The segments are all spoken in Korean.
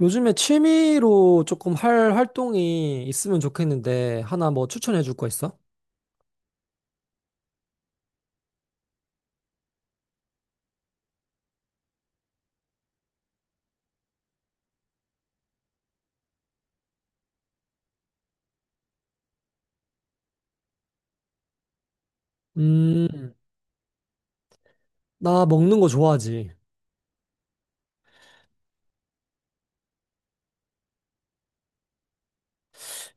요즘에 취미로 조금 할 활동이 있으면 좋겠는데, 하나 뭐 추천해 줄 거 있어? 음, 나 먹는 거 좋아하지.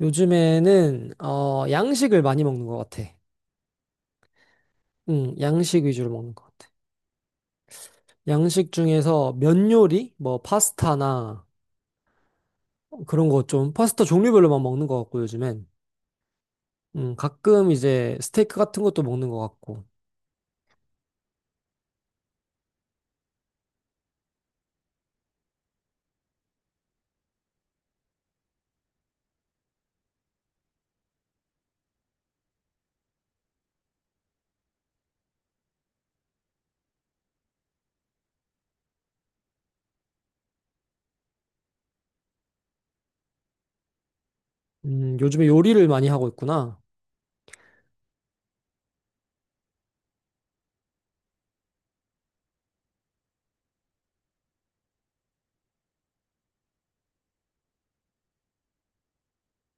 요즘에는, 양식을 많이 먹는 것 같아. 응, 양식 위주로 먹는 것 같아. 양식 중에서 면 요리? 뭐, 파스타나 그런 거 좀, 파스타 종류별로만 먹는 것 같고, 요즘엔. 가끔 이제 스테이크 같은 것도 먹는 것 같고. 요즘에 요리를 많이 하고 있구나.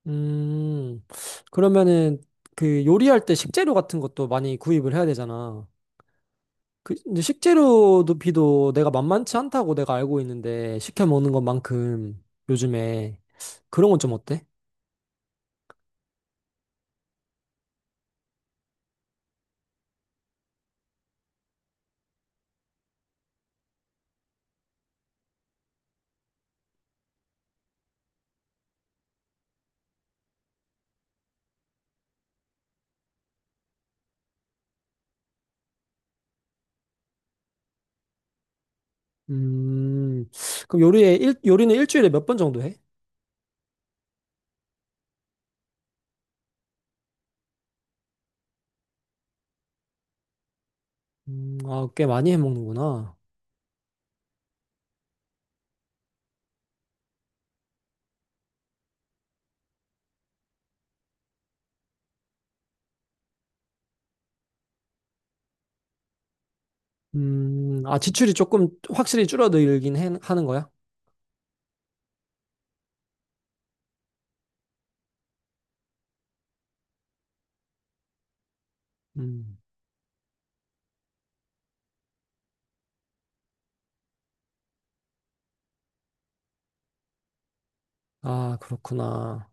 음, 그러면은 그 요리할 때 식재료 같은 것도 많이 구입을 해야 되잖아. 그 근데 식재료도 비도 내가 만만치 않다고 내가 알고 있는데 시켜 먹는 것만큼 요즘에 그런 건 좀 어때? 음, 그럼 요리에 일, 요리는 일주일에 몇 번 정도 해? 아, 꽤 많이 해 먹는구나. 아, 지출이 조금 확실히 하는 거야? 음, 아, 그렇구나.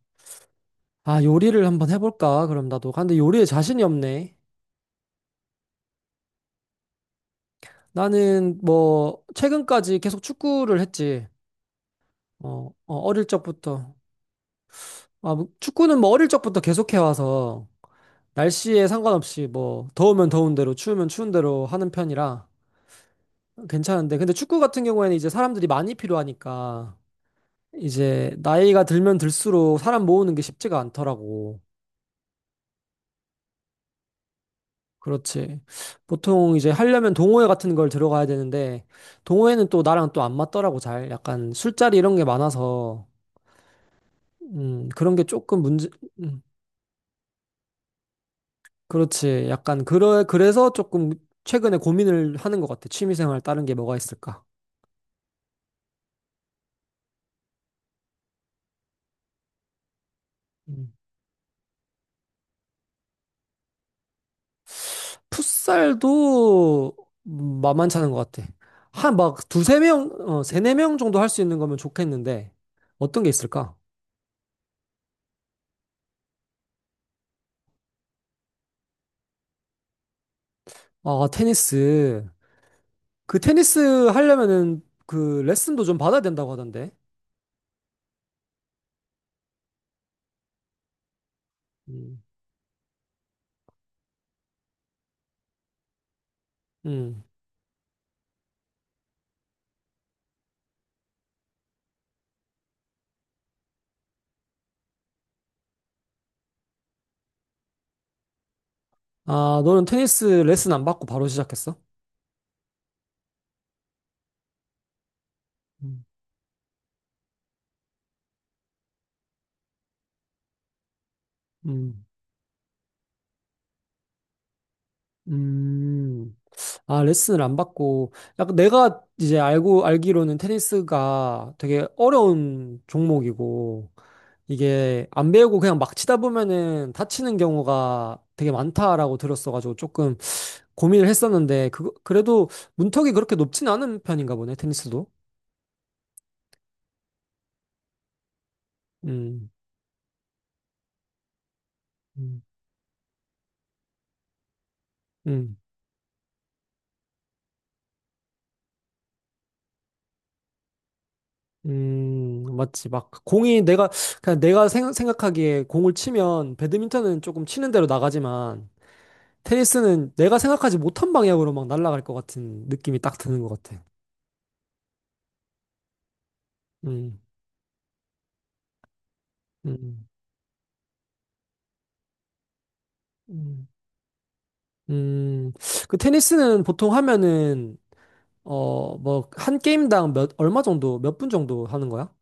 아, 요리를 한번 해볼까? 그럼 나도. 아, 근데 요리에 자신이 없네. 나는 뭐 최근까지 계속 축구를 했지. 어, 어, 어릴 적부터. 아, 뭐 축구는 뭐 어릴 적부터 계속해 와서 날씨에 상관없이 뭐 더우면 더운 대로 추우면 추운 대로 하는 편이라 괜찮은데, 근데 축구 같은 경우에는 이제 사람들이 많이 필요하니까 이제 나이가 들면 들수록 사람 모으는 게 쉽지가 않더라고. 그렇지. 보통 이제 하려면 동호회 같은 걸 들어가야 되는데, 동호회는 또 나랑 또 안 맞더라고 잘. 약간 술자리 이런 게 많아서, 그런 게 조금 문제. 음, 그렇지. 그래서 조금 최근에 고민을 하는 것 같아. 취미생활 다른 게 뭐가 있을까? 음. 풋살도 만만찮은 것 같아. 한 막 두세 명, 세네 명 정도 할 수 있는 거면 좋겠는데, 어떤 게 있을까? 아, 테니스. 그 테니스 하려면은 그 레슨도 좀 받아야 된다고 하던데. 음. 음. 아, 너는 테니스 레슨 안 받고 바로 시작했어? 음. 음. 음, 아, 레슨을 안 받고, 약간 내가 알기로는 테니스가 되게 어려운 종목이고, 이게 안 배우고 그냥 막 치다 보면은 다치는 경우가 되게 많다라고 들었어가지고 조금 고민을 했었는데, 그래도 문턱이 그렇게 높진 않은 편인가 보네, 테니스도. 음, 음, 음. 맞지. 막, 그냥 내가 각하기에 공을 치면, 배드민턴은 조금 치는 대로 나가지만, 테니스는 내가 생각하지 못한 방향으로 막 날아갈 것 같은 느낌이 딱 드는 것 같아. 음, 음, 음, 음. 그 테니스는 보통 하면은, 어, 뭐, 한 게임당 몇, 얼마 정도, 몇 분 정도 하는 거야?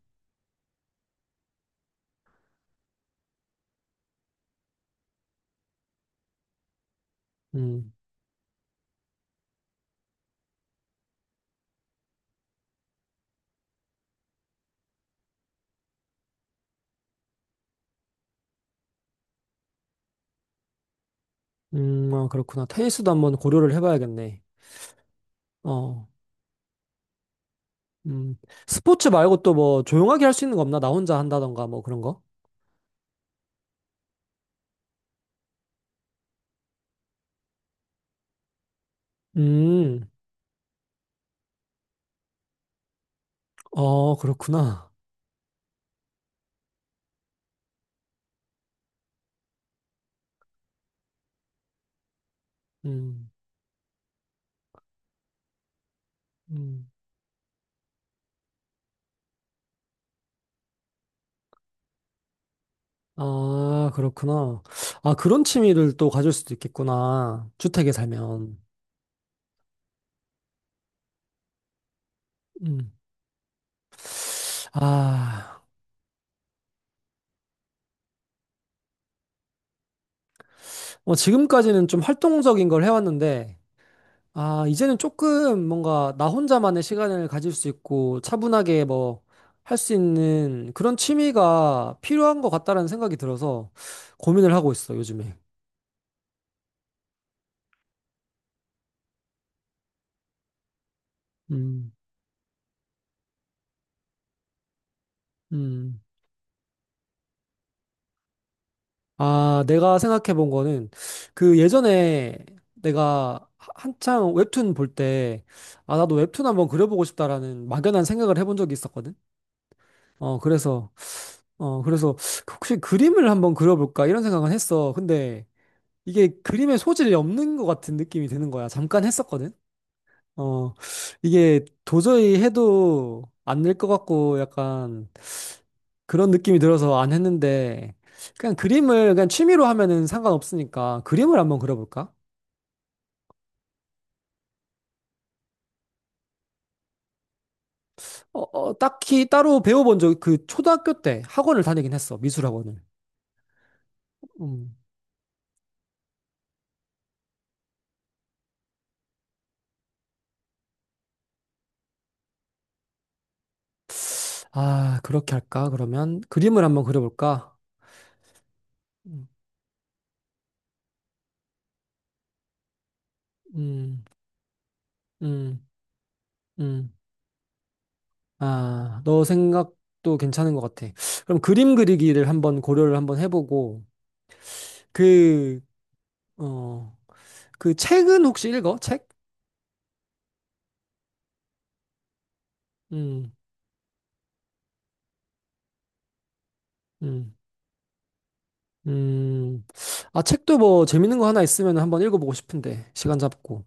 음, 아, 그렇구나. 테니스도 한번 고려를 해봐야겠네. 어, 음. 스포츠 말고 또 뭐, 조용하게 할 수 있는 거 없나? 나 혼자 한다던가, 뭐 그런 거? 음, 어, 그렇구나. 음, 음. 아, 그렇구나. 아, 그런 취미를 또 가질 수도 있겠구나. 주택에 살면. 음. 아, 뭐 지금까지는 좀 활동적인 걸 해왔는데, 아, 이제는 조금 뭔가 나 혼자만의 시간을 가질 수 있고, 차분하게 뭐, 할 수 있는 그런 취미가 필요한 것 같다라는 생각이 들어서 고민을 하고 있어, 요즘에. 음, 음. 아, 내가 생각해 본 거는 그 예전에 내가 한창 웹툰 볼 때, 아, 나도 웹툰 한번 그려보고 싶다라는 막연한 생각을 해본 적이 있었거든. 어, 그래서, 그래서 혹시 그림을 한번 그려볼까 이런 생각은 했어. 근데 이게 그림에 소질이 없는 것 같은 느낌이 드는 거야. 잠깐 했었거든. 어, 이게 도저히 해도 안 될 것 같고 약간 그런 느낌이 들어서 안 했는데 그냥 그림을 그냥 취미로 하면은 상관없으니까 그림을 한번 그려볼까? 어, 어, 딱히 따로 배워본 적 그 초등학교 때 학원을 다니긴 했어, 미술 학원을. 음. 아, 그렇게 할까? 그러면 그림을 한번 그려볼까? 음, 음, 음. 음. 아, 너 생각도 괜찮은 것 같아. 그럼 그림 그리기를 한번 고려를 한번 해보고 그, 어, 그 책은 혹시 읽어? 책? 음. 음. 음, 아, 책도 뭐 재밌는 거 하나 있으면 한번 읽어보고 싶은데, 시간 잡고.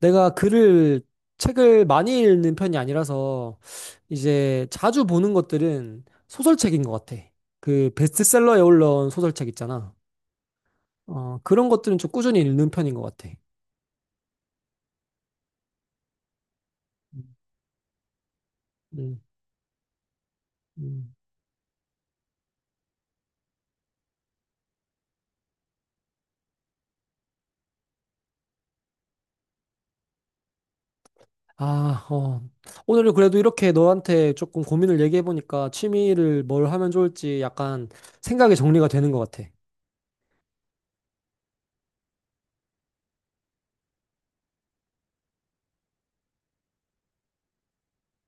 내가 글을, 책을 많이 읽는 편이 아니라서, 이제 자주 보는 것들은 소설책인 것 같아. 그 베스트셀러에 올라온 소설책 있잖아. 어, 그런 것들은 좀 꾸준히 읽는 편인 것 같아. 음, 음. 아, 어. 오늘은 그래도 이렇게 너한테 조금 고민을 얘기해보니까 취미를 뭘 하면 좋을지 약간 생각이 정리가 되는 것 같아.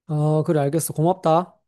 어, 그래, 알겠어. 고맙다.